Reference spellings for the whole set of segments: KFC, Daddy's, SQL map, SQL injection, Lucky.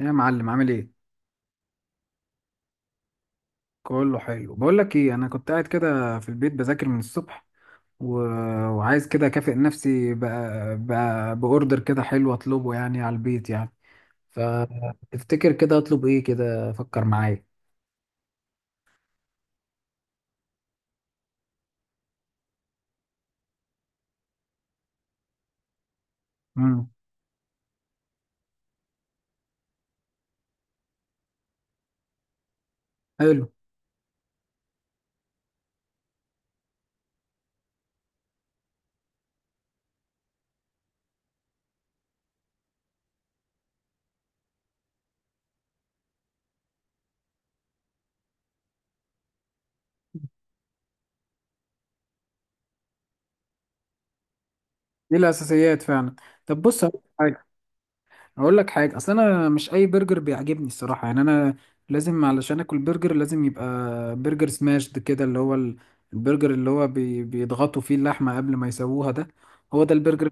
إيه يا معلم، عامل ايه؟ كله حلو. بقول لك ايه، انا كنت قاعد كده في البيت بذاكر من الصبح و... وعايز كده اكافئ نفسي ب... باوردر كده حلو اطلبه يعني على البيت يعني. فتفتكر كده اطلب ايه؟ كده فكر معايا. امم حلو. دي الاساسيات فعلا. طب بص، هقول لك حاجه. اصل انا مش اي برجر بيعجبني الصراحه، يعني انا لازم، علشان اكل برجر لازم يبقى برجر سماشد كده، اللي هو البرجر اللي هو بيضغطوا فيه اللحمه قبل ما يسووها ده. هو ده البرجر.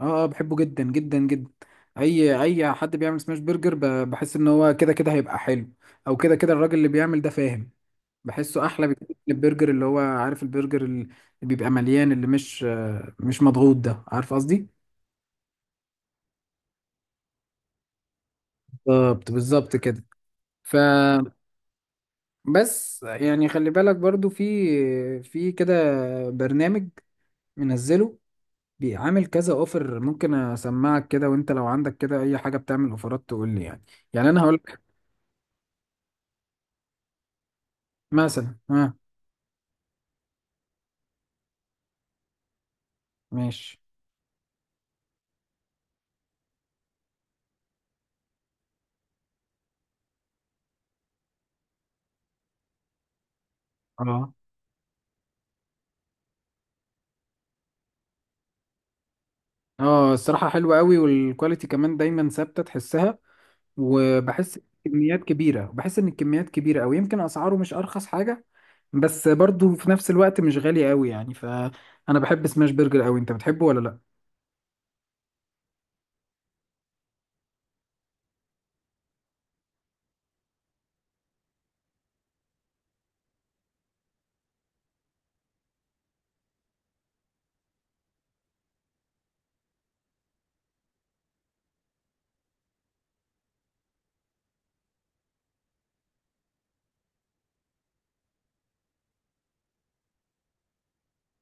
اه اه، بحبه جدا جدا جدا. اي حد بيعمل سماش برجر بحس ان هو كده كده هيبقى حلو. او كده كده الراجل اللي بيعمل ده فاهم. بحسه احلى بكتير من البرجر، اللي هو عارف، البرجر اللي بيبقى مليان، اللي مش مضغوط ده، عارف قصدي. بالظبط بالظبط كده. ف بس يعني خلي بالك، برضو في كده برنامج منزله بيعمل كذا اوفر. ممكن اسمعك كده، وانت لو عندك كده اي حاجه بتعمل اوفرات تقول لي يعني. يعني انا هقول لك مثلا. ها، ماشي. اه اه، الصراحه حلوه قوي، والكواليتي كمان دايما ثابته تحسها. وبحس كميات كبيره، بحس ان الكميات كبيره قوي. يمكن اسعاره مش ارخص حاجه، بس برضو في نفس الوقت مش غالي قوي يعني. فانا بحب سماش برجر قوي. انت بتحبه ولا لا؟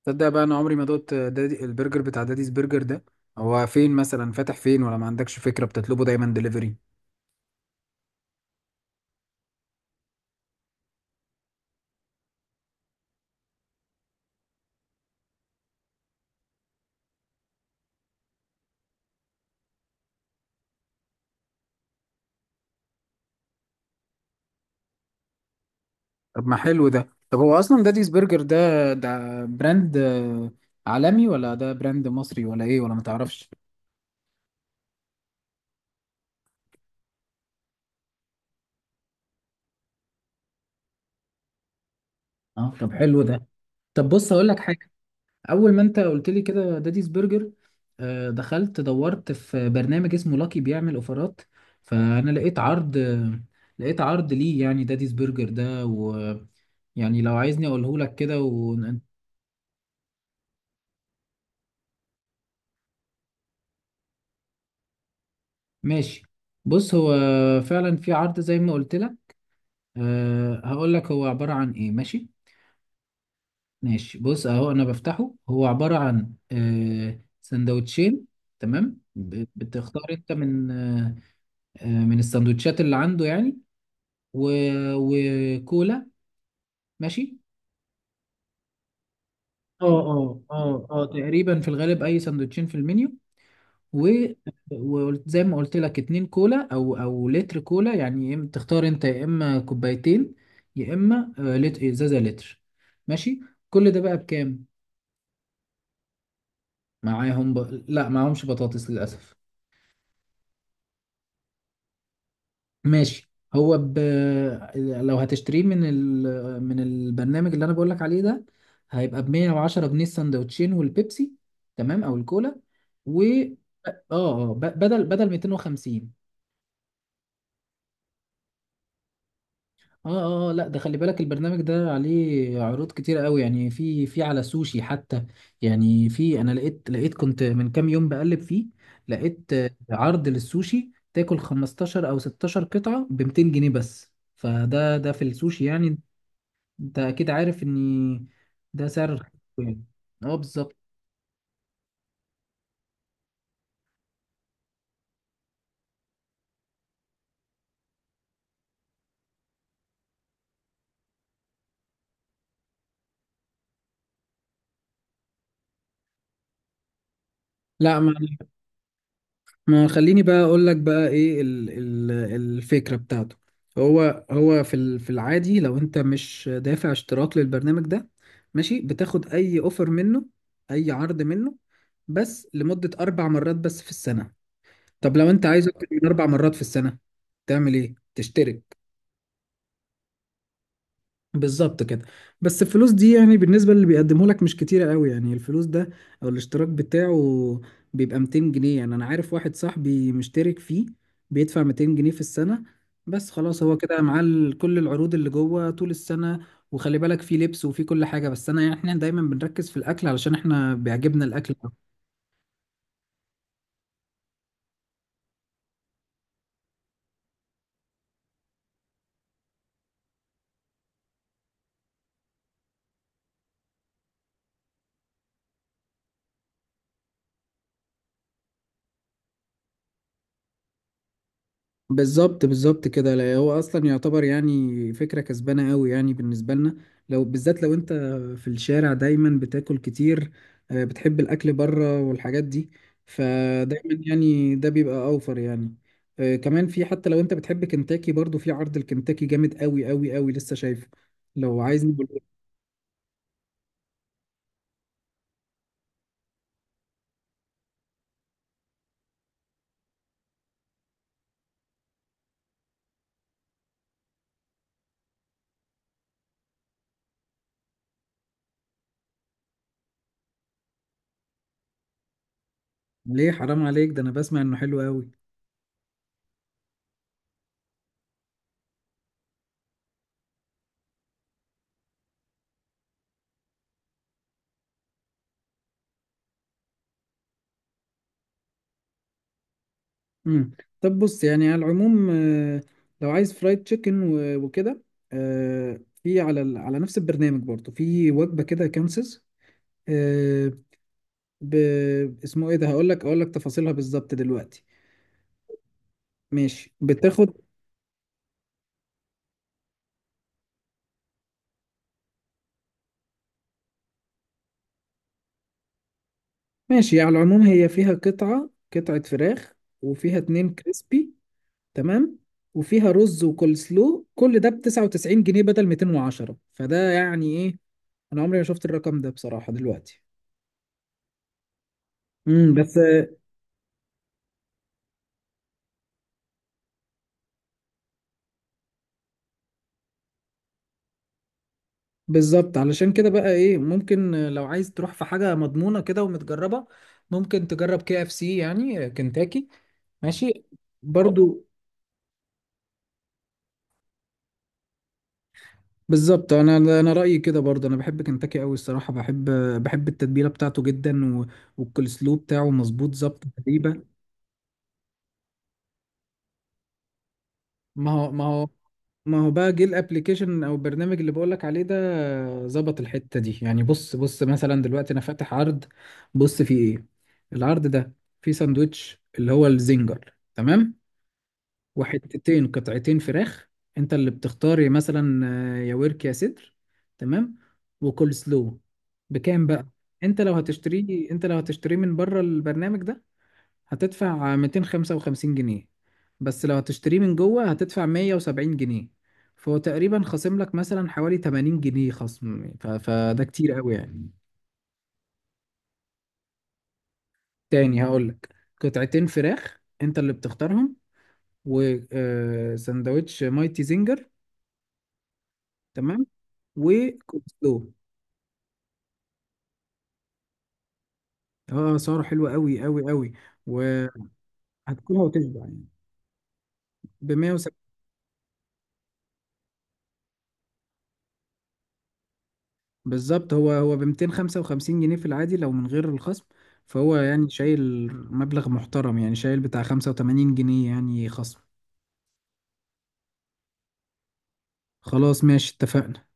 تصدق بقى، انا عمري ما دقت دادي البرجر، بتاع داديز برجر ده. هو فين مثلا؟ فاتح فين، ولا ما عندكش فكرة؟ بتطلبه دايما دليفري؟ طب ما حلو ده. طب هو اصلا داديز برجر ده براند عالمي، ولا ده براند مصري، ولا ايه، ولا ما تعرفش؟ اه، طب حلو ده. طب بص، اقول لك حاجة. اول ما انت قلت لي كده داديز برجر، دخلت دورت في برنامج اسمه لاكي بيعمل اوفرات. فانا لقيت عرض ليه، يعني داديز برجر ده. ويعني لو عايزني اقوله لك كده ماشي. بص، هو فعلا في عرض زي ما قلت لك. أه، هقول لك هو عبارة عن ايه. ماشي، ماشي. بص اهو انا بفتحه. هو عبارة عن سندوتشين. تمام، بتختار انت من من السندوتشات اللي عنده يعني. و... وكولا. ماشي. اه اه اه اه، تقريبا في الغالب اي سندوتشين في المنيو. و وزي ما قلت لك اتنين كولا، او لتر كولا، يعني تختار انت يا اما كوبايتين يا اما ازازه لتر. ماشي. كل ده بقى بكام؟ معاهم ب... لا معاهمش بطاطس للاسف. ماشي. هو لو هتشتريه من البرنامج اللي انا بقولك عليه ده، هيبقى ب 110 جنيه، السندوتشين والبيبسي، تمام، او الكولا. و اه اه، ب... بدل بدل 250. اه اه، لا ده خلي بالك، البرنامج ده عليه عروض كتيرة قوي يعني. في على سوشي حتى يعني. في، انا لقيت كنت من كام يوم بقلب فيه، لقيت عرض للسوشي تاكل 15 او 16 قطعة ب 200 جنيه بس. فده، في السوشي يعني. انت اكيد عارف ان ده سعر يعني. اه، بالظبط. لا، ما خليني بقى اقول لك بقى ايه ال الفكرة بتاعته. هو في العادي، لو انت مش دافع اشتراك للبرنامج ده، ماشي، بتاخد اي اوفر منه، اي عرض منه، بس لمدة 4 مرات بس في السنة. طب لو انت عايز اكتر من 4 مرات في السنة، تعمل ايه؟ تشترك. بالظبط كده. بس الفلوس دي، يعني بالنسبة اللي بيقدمه لك مش كتيرة قوي يعني. الفلوس ده او الاشتراك بتاعه بيبقى 200 جنيه. يعني انا عارف واحد صاحبي مشترك فيه، بيدفع 200 جنيه في السنة. بس خلاص، هو كده معاه كل العروض اللي جوه طول السنة. وخلي بالك، فيه لبس وفيه كل حاجة، بس انا، يعني احنا دايما بنركز في الاكل علشان احنا بيعجبنا الاكل. بالظبط بالظبط كده. لا هو اصلا يعتبر يعني فكره كسبانه قوي يعني بالنسبه لنا، لو بالذات لو انت في الشارع دايما بتاكل كتير، بتحب الاكل بره والحاجات دي، فدايما يعني ده بيبقى اوفر يعني. كمان، في، حتى لو انت بتحب كنتاكي، برضو في عرض الكنتاكي جامد قوي قوي قوي لسه شايفه. لو عايز نقول، ليه حرام عليك ده؟ انا بسمع انه حلو قوي. مم. طب بص يعني على العموم، لو عايز فرايد تشيكن و- وكده، في على على نفس البرنامج برضه في وجبة كده كانسز، آه، ب... اسمه ايه ده؟ هقول لك اقول لك تفاصيلها بالظبط دلوقتي. ماشي. بتاخد ماشي، على العموم هي فيها قطعة فراخ، وفيها اتنين كريسبي، تمام، وفيها رز وكول سلو. كل ده ب 99 جنيه بدل 210. فده يعني ايه، انا عمري ما شفت الرقم ده بصراحة دلوقتي. بس بالظبط، علشان كده بقى ايه، ممكن لو عايز تروح في حاجة مضمونة كده ومتجربة، ممكن تجرب KFC، يعني كنتاكي. ماشي برضو. بالظبط، انا رأيي كده برضو. انا بحب كنتاكي قوي الصراحة. بحب التتبيلة بتاعته جدا، والكولسلو بتاعه مظبوط ظبط تقريبا. ما هو ما هو ما هو بقى جه الابليكيشن او البرنامج اللي بقولك عليه ده، ظبط الحتة دي. يعني بص بص مثلا دلوقتي انا فاتح عرض. بص فيه ايه العرض ده. فيه ساندوتش اللي هو الزنجر، تمام، وحتتين قطعتين فراخ، انت اللي بتختار مثلا يا ورك يا صدر، تمام، وكول سلو. بكام بقى؟ انت لو هتشتريه من بره البرنامج ده، هتدفع 255 جنيه، بس لو هتشتريه من جوه هتدفع 170 جنيه. فهو تقريبا خاصم لك مثلا حوالي 80 جنيه خصم، فده كتير قوي يعني. تاني هقولك، قطعتين فراخ انت اللي بتختارهم، وسندوتش مايتي زنجر، تمام، وكولسلو. اه، اسعاره حلوة قوي قوي قوي، وهتكلها وتشبع يعني. ب بالظبط، هو ب 255 جنيه في العادي لو من غير الخصم. فهو يعني شايل مبلغ محترم، يعني شايل بتاع 85 جنيه يعني خصم. خلاص ماشي، اتفقنا.